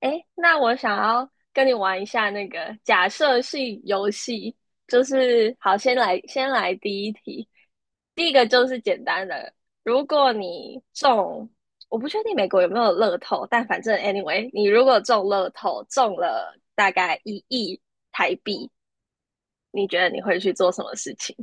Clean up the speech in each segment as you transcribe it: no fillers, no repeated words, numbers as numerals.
诶，那我想要跟你玩一下那个假设性游戏，就是好，先来第一题，第一个就是简单的，如果你中，我不确定美国有没有乐透，但反正 anyway，你如果中乐透，中了大概1亿台币，你觉得你会去做什么事情？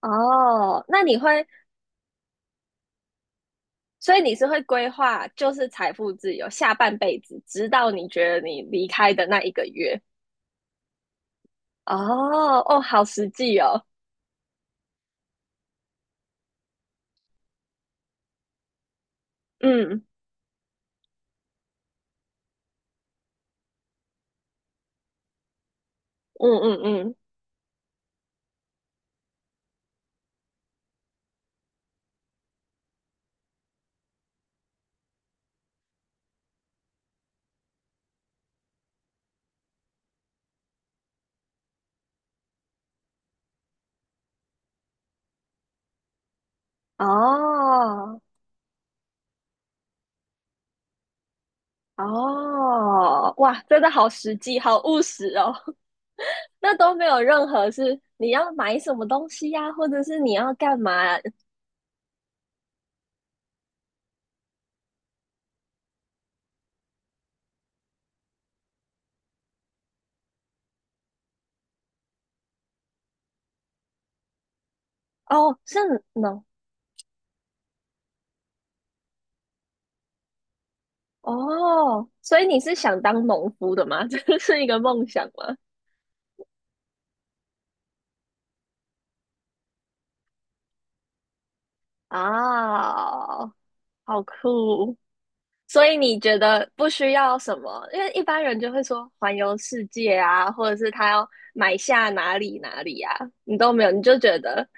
哦，那你会，所以你是会规划，就是财富自由下半辈子，直到你觉得你离开的那一个月。哦哦，好实际哦，嗯嗯嗯嗯，哦哦，哇，真的好实际，好务实哦。那都没有任何是你要买什么东西呀、或者是你要干嘛？哦，是农哦，所以你是想当农夫的吗？这是一个梦想吗？啊、好酷，所以你觉得不需要什么？因为一般人就会说环游世界啊，或者是他要买下哪里哪里啊，你都没有，你就觉得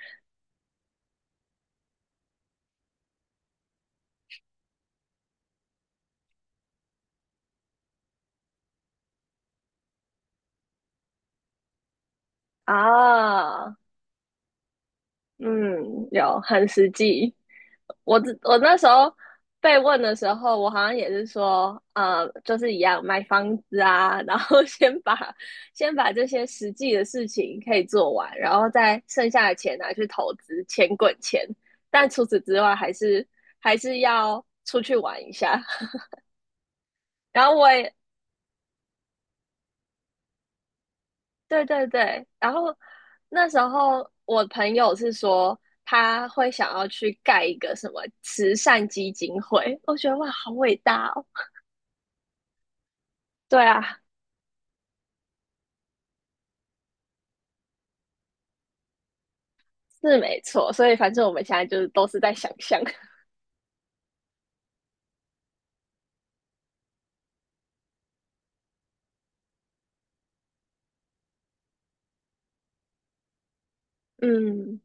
啊，嗯，有很实际。我那时候被问的时候，我好像也是说，就是一样买房子啊，然后 先把这些实际的事情可以做完，然后再剩下的钱拿去投资，钱滚钱。但除此之外，还是要出去玩一下。然后我也对对对，然后那时候我朋友是说他会想要去盖一个什么慈善基金会，我觉得哇，好伟大哦！对啊，是没错，所以反正我们现在就是都是在想象，嗯，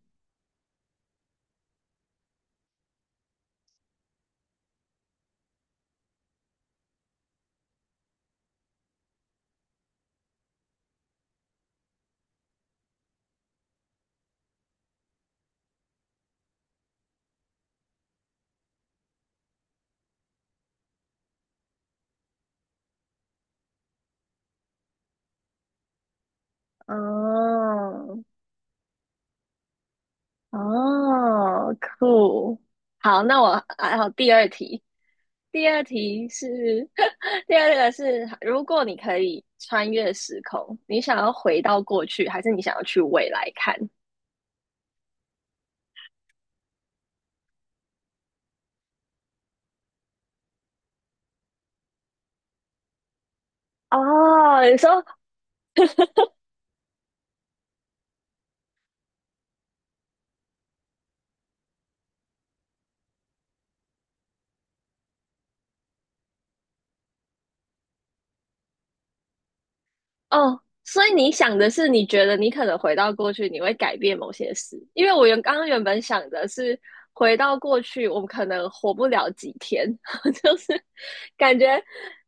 哦哦，酷，好，那我还有第二题，第二题是 第二个是，如果你可以穿越时空，你想要回到过去，还是你想要去未来看？哦，你说哦，所以你想的是，你觉得你可能回到过去，你会改变某些事。因为我原刚刚原本想的是，回到过去，我们可能活不了几天，就是感觉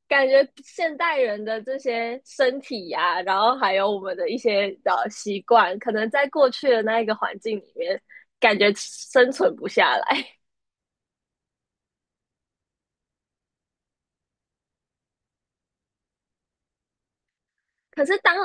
感觉现代人的这些身体呀、然后还有我们的一些习惯，可能在过去的那一个环境里面，感觉生存不下来。可是当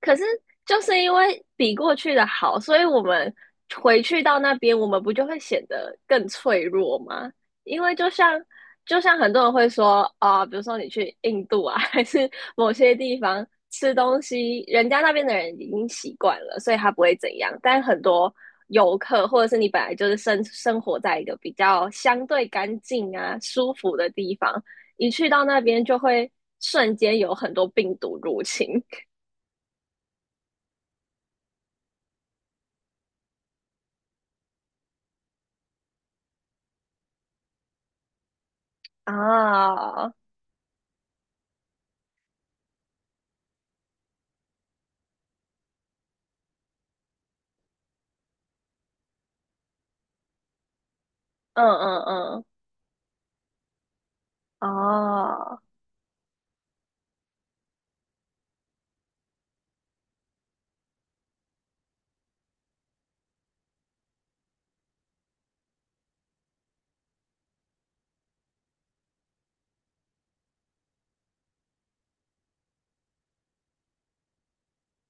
可是就是因为比过去的好，所以我们回去到那边，我们不就会显得更脆弱吗？因为就像很多人会说啊、比如说你去印度啊，还是某些地方吃东西，人家那边的人已经习惯了，所以他不会怎样。但很多游客或者是你本来就是生活在一个比较相对干净啊、舒服的地方，一去到那边就会瞬间有很多病毒入侵。啊，嗯嗯嗯，哦，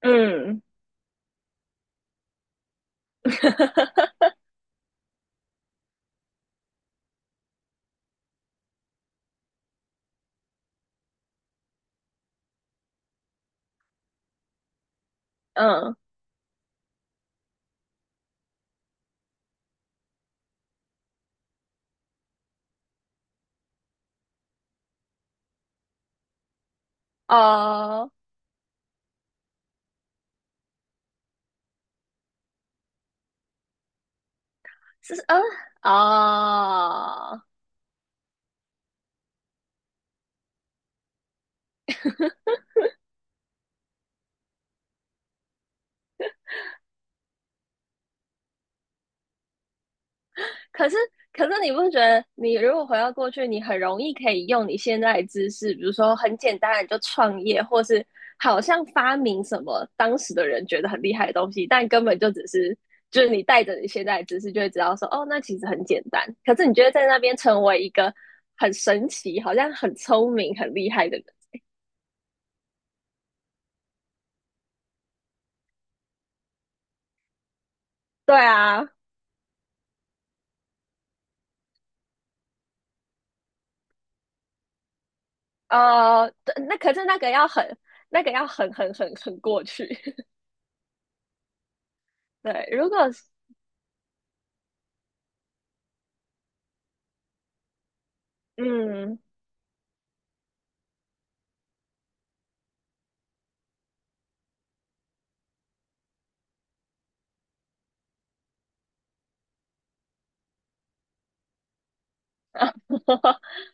嗯 嗯，哦，是嗯，哦。可是，可是你不觉得，你如果回到过去，你很容易可以用你现在的知识，比如说很简单的你就创业，或是好像发明什么当时的人觉得很厉害的东西，但根本就只是就是你带着你现在的知识，就会知道说，哦，那其实很简单。可是你觉得在那边成为一个很神奇，好像很聪明、很厉害的人，对啊，呃，那可是那个要很。那个要很过去，对。如果嗯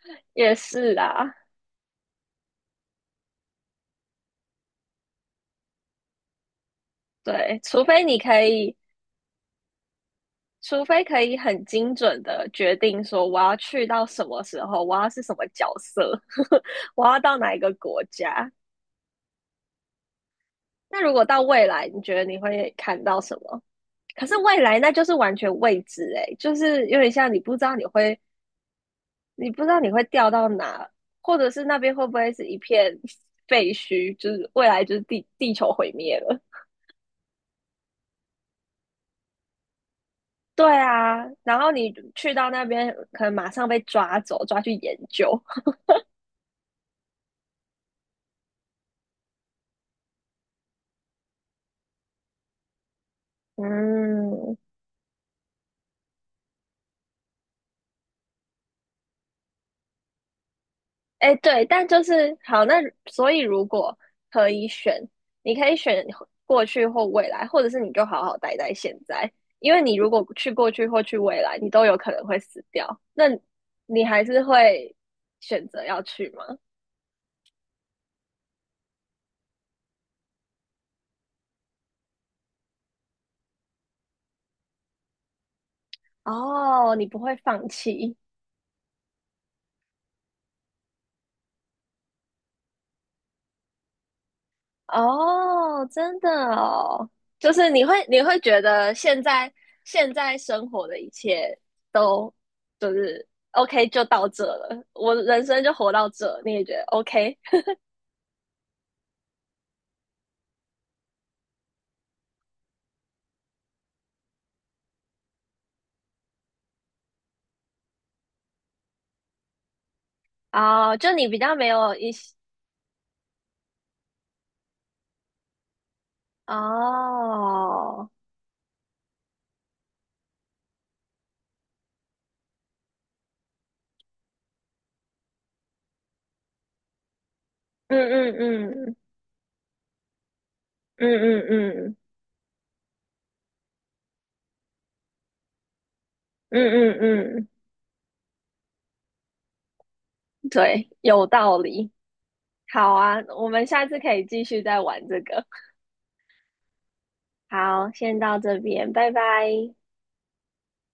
也是啊，对，除非你可以，除非可以很精准的决定说我要去到什么时候，我要是什么角色，我要到哪一个国家。那如果到未来，你觉得你会看到什么？可是未来那就是完全未知诶，就是有点像你不知道你会，你不知道你会掉到哪，或者是那边会不会是一片 废墟，就是未来就是地球毁灭了。对啊，然后你去到那边，可能马上被抓走，抓去研究。嗯，哎，对，但就是好，那所以如果可以选，你可以选过去或未来，或者是你就好好待在现在，因为你如果去过去或去未来，你都有可能会死掉。那你还是会选择要去吗？哦，你不会放弃。哦，真的哦，就是你会觉得现在生活的一切都就是 OK 就到这了，我人生就活到这，你也觉得 OK 哦，就你比较没有一些哦，嗯嗯嗯嗯嗯嗯嗯嗯嗯，对，有道理。好啊，我们下次可以继续再玩这个。好，先到这边，拜拜。